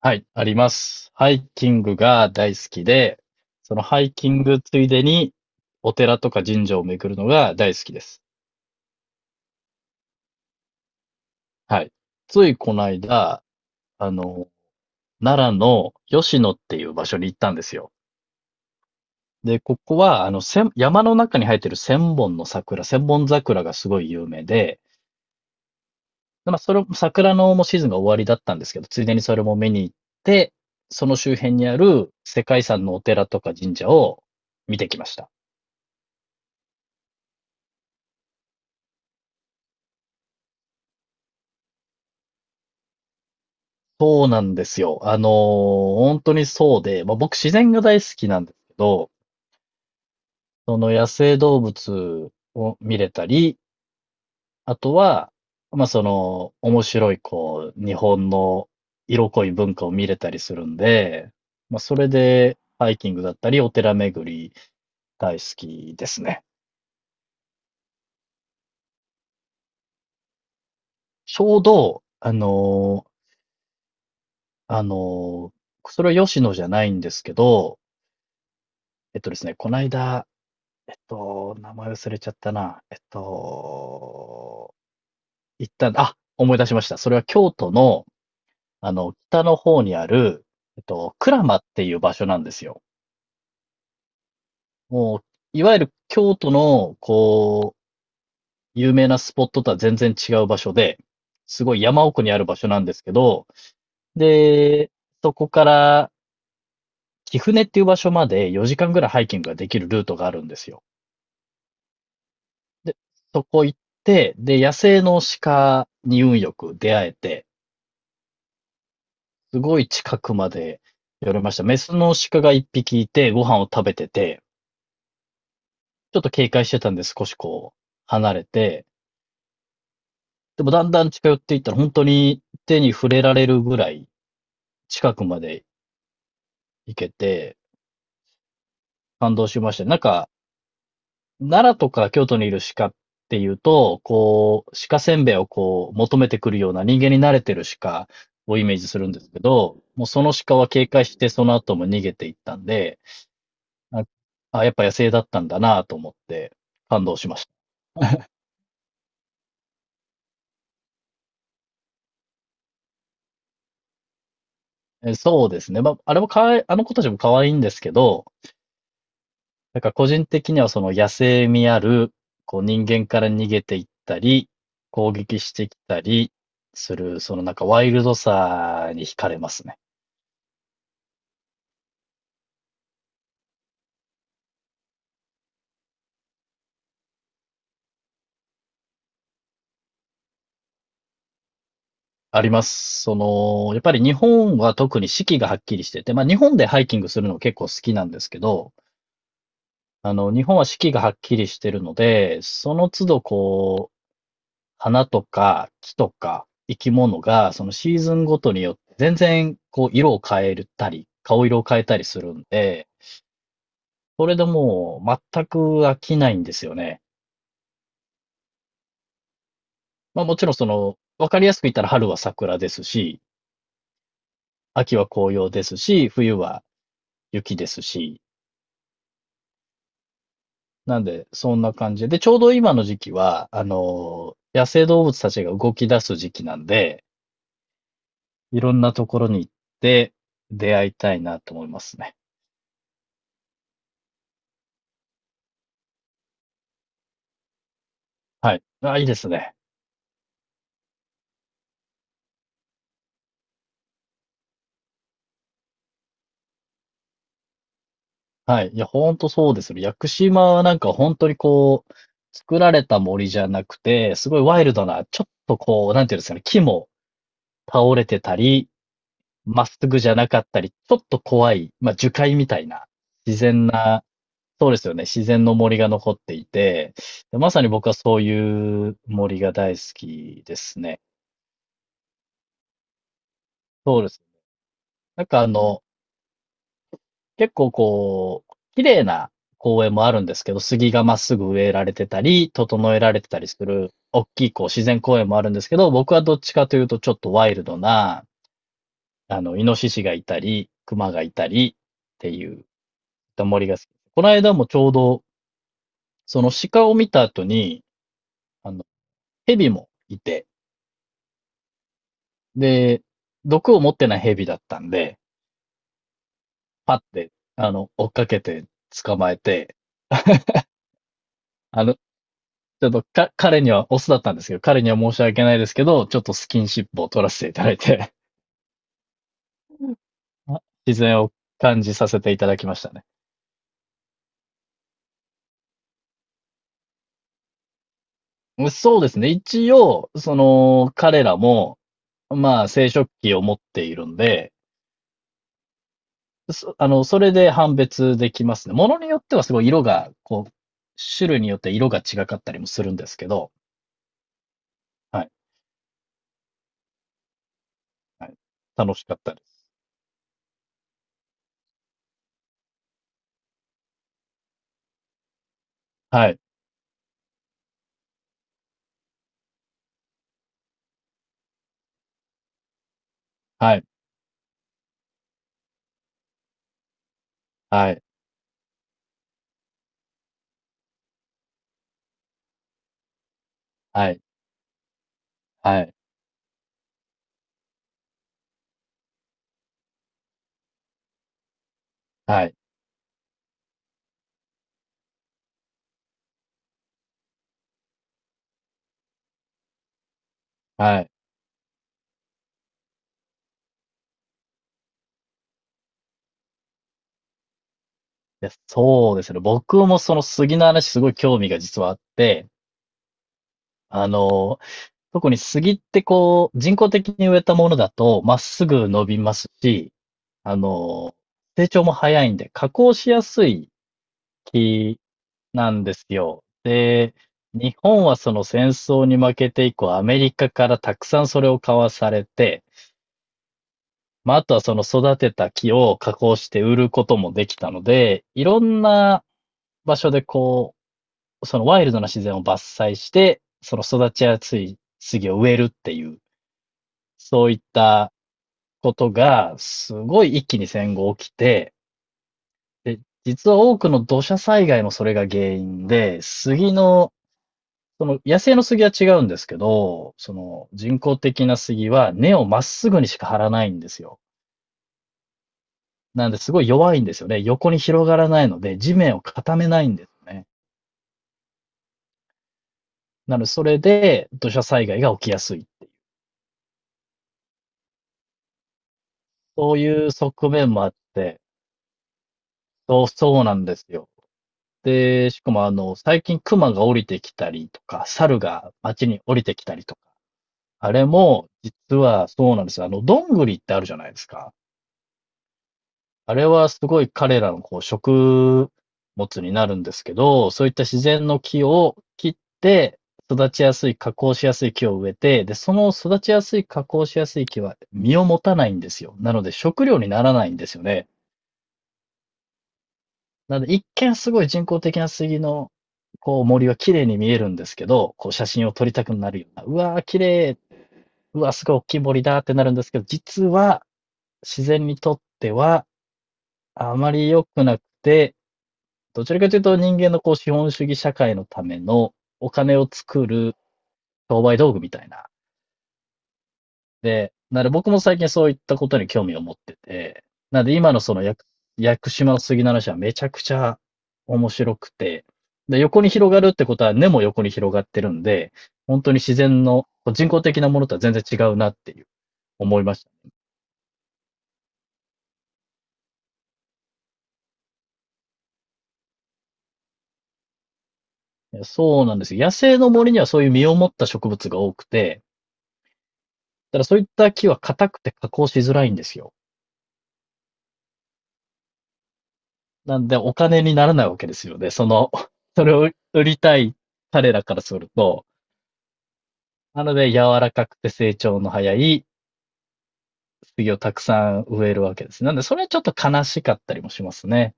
はい、あります。ハイキングが大好きで、そのハイキングついでにお寺とか神社を巡るのが大好きです。はい。ついこの間、あの、奈良の吉野っていう場所に行ったんですよ。で、ここは、千山の中に生えてる千本の桜、千本桜がすごい有名で、でそれ、桜のもうシーズンが終わりだったんですけど、ついでにそれも見に行って、その周辺にある世界遺産のお寺とか神社を見てきました。そうなんですよ。本当にそうで、まあ、僕自然が大好きなんですけど、その野生動物を見れたり、あとは、まあ、その、面白い、こう、日本の色濃い文化を見れたりするんで、まあ、それで、ハイキングだったり、お寺巡り大好きですね。ちょうど、あのーそれは吉野じゃないんですけど、えっとですね、この間、と、名前忘れちゃったな。行ったんだあ、思い出しました。それは京都の、北の方にある、鞍馬っていう場所なんですよ。もう、いわゆる京都の、こう、有名なスポットとは全然違う場所で、すごい山奥にある場所なんですけど、で、そこから貴船っていう場所まで4時間ぐらいハイキングができるルートがあるんですよ。で、そこ行って、で、野生の鹿に運よく出会えて、すごい近くまで寄れました。メスの鹿が一匹いて、ご飯を食べてて、ちょっと警戒してたんで少しこう、離れて、でもだんだん近寄っていったら本当に手に触れられるぐらい近くまで行けて、感動しました。なんか、奈良とか京都にいる鹿っていうと、こう、鹿せんべいをこう、求めてくるような人間に慣れてる鹿をイメージするんですけど、もうその鹿は警戒してその後も逃げていったんで、あ、やっぱ野生だったんだなと思って感動しました。え、そうですね。まあ、あれもかわいあの子たちも可愛いんですけど、なんか個人的にはその野生味ある、こう人間から逃げていったり、攻撃してきたりする、そのなんかワイルドさに惹かれますね。あります。その、やっぱり日本は特に四季がはっきりしてて、ま、日本でハイキングするの結構好きなんですけど、日本は四季がはっきりしてるので、その都度こう花とか木とか生き物が、そのシーズンごとによって全然こう色を変えたり、顔色を変えたりするんで、それでもう全く飽きないんですよね。まあもちろんその、わかりやすく言ったら春は桜ですし、秋は紅葉ですし、冬は雪ですし、なんでそんな感じで、で、ちょうど今の時期は、野生動物たちが動き出す時期なんで、いろんなところに行って出会いたいなと思いますね。はい。あ、いいですね。はい。いや、ほんとそうですよ。屋久島はなんか本当にこう、作られた森じゃなくて、すごいワイルドな、ちょっとこう、なんていうんですかね、木も倒れてたり、まっすぐじゃなかったり、ちょっと怖い、まあ、樹海みたいな、自然な、そうですよね、自然の森が残っていて、でまさに僕はそういう森が大好きですね。そうです。なんか結構こう、綺麗な公園もあるんですけど、杉がまっすぐ植えられてたり、整えられてたりする、大きいこう自然公園もあるんですけど、僕はどっちかというとちょっとワイルドな、イノシシがいたり、クマがいたりっていう、森が好き。この間もちょうど、その鹿を見た後に、あの、蛇もいて、で、毒を持ってない蛇だったんで、パって、追っかけて捕まえて、あの、ちょっとか、彼にはオスだったんですけど、彼には申し訳ないですけど、ちょっとスキンシップを取らせていただいて、自然を感じさせていただきましたね。そうですね。一応、その、彼らも、まあ、生殖器を持っているんで、そそれで判別できますね。ものによってはすごい色が、こう、種類によって色が違かったりもするんですけど、はい、はい。楽しかったです。はい、はい、はい、はい、はい、はい、はい。いや、そうですね。僕もその杉の話すごい興味が実はあって、あの、特に杉ってこう、人工的に植えたものだと、まっすぐ伸びますし、あの、成長も早いんで、加工しやすい木なんですよ。で、日本はその戦争に負けて以降、アメリカからたくさんそれを買わされて、まあ、あとはその育てた木を加工して売ることもできたので、いろんな場所でこうそのワイルドな自然を伐採して、その育ちやすい杉を植えるっていう、そういったことが、すごい一気に戦後起きて、で、実は多くの土砂災害もそれが原因で、杉の、その野生の杉は違うんですけど、その人工的な杉は根をまっすぐにしか張らないんですよ。なんですごい弱いんですよね。横に広がらないので、地面を固めないんですね。なので、それで土砂災害が起きやすい。そういう側面もあって、そう、そうなんですよ。で、しかも最近クマが降りてきたりとか、猿が街に降りてきたりとか、あれも実はそうなんですよ。どんぐりってあるじゃないですか。あれはすごい彼らのこう食物になるんですけど、そういった自然の木を切って、育ちやすい、加工しやすい木を植えて、で、その育ちやすい、加工しやすい木は実を持たないんですよ。なので食料にならないんですよね。なので、一見すごい人工的な杉の、こう、森は綺麗に見えるんですけど、こう、写真を撮りたくなるような、うわー、綺麗、うわー、すごい大きい森だってなるんですけど、実は、自然にとっては、あまり良くなくて、どちらかというと人間のこう資本主義社会のためのお金を作る商売道具みたいなで、なので僕も最近そういったことに興味を持ってて、なので今のその屋久島の杉の話はめちゃくちゃ面白くて、で、横に広がるってことは根も横に広がってるんで、本当に自然のこう人工的なものとは全然違うなっていう思いましたね。そうなんですよ。野生の森にはそういう実を持った植物が多くて、ただそういった木は硬くて加工しづらいんですよ。なんでお金にならないわけですよね。その、それを売りたい彼らからすると、なので、柔らかくて成長の早い杉をたくさん植えるわけです。なんで、それはちょっと悲しかったりもしますね。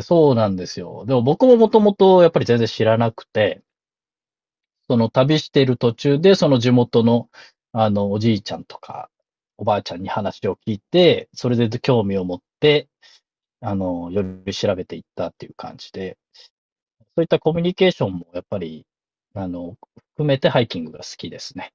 そうなんですよ。でも僕ももともとやっぱり全然知らなくて、その旅している途中で、その地元の、おじいちゃんとか、おばあちゃんに話を聞いて、それで興味を持って、より調べていったっていう感じで、そういったコミュニケーションもやっぱり、あの、含めてハイキングが好きですね。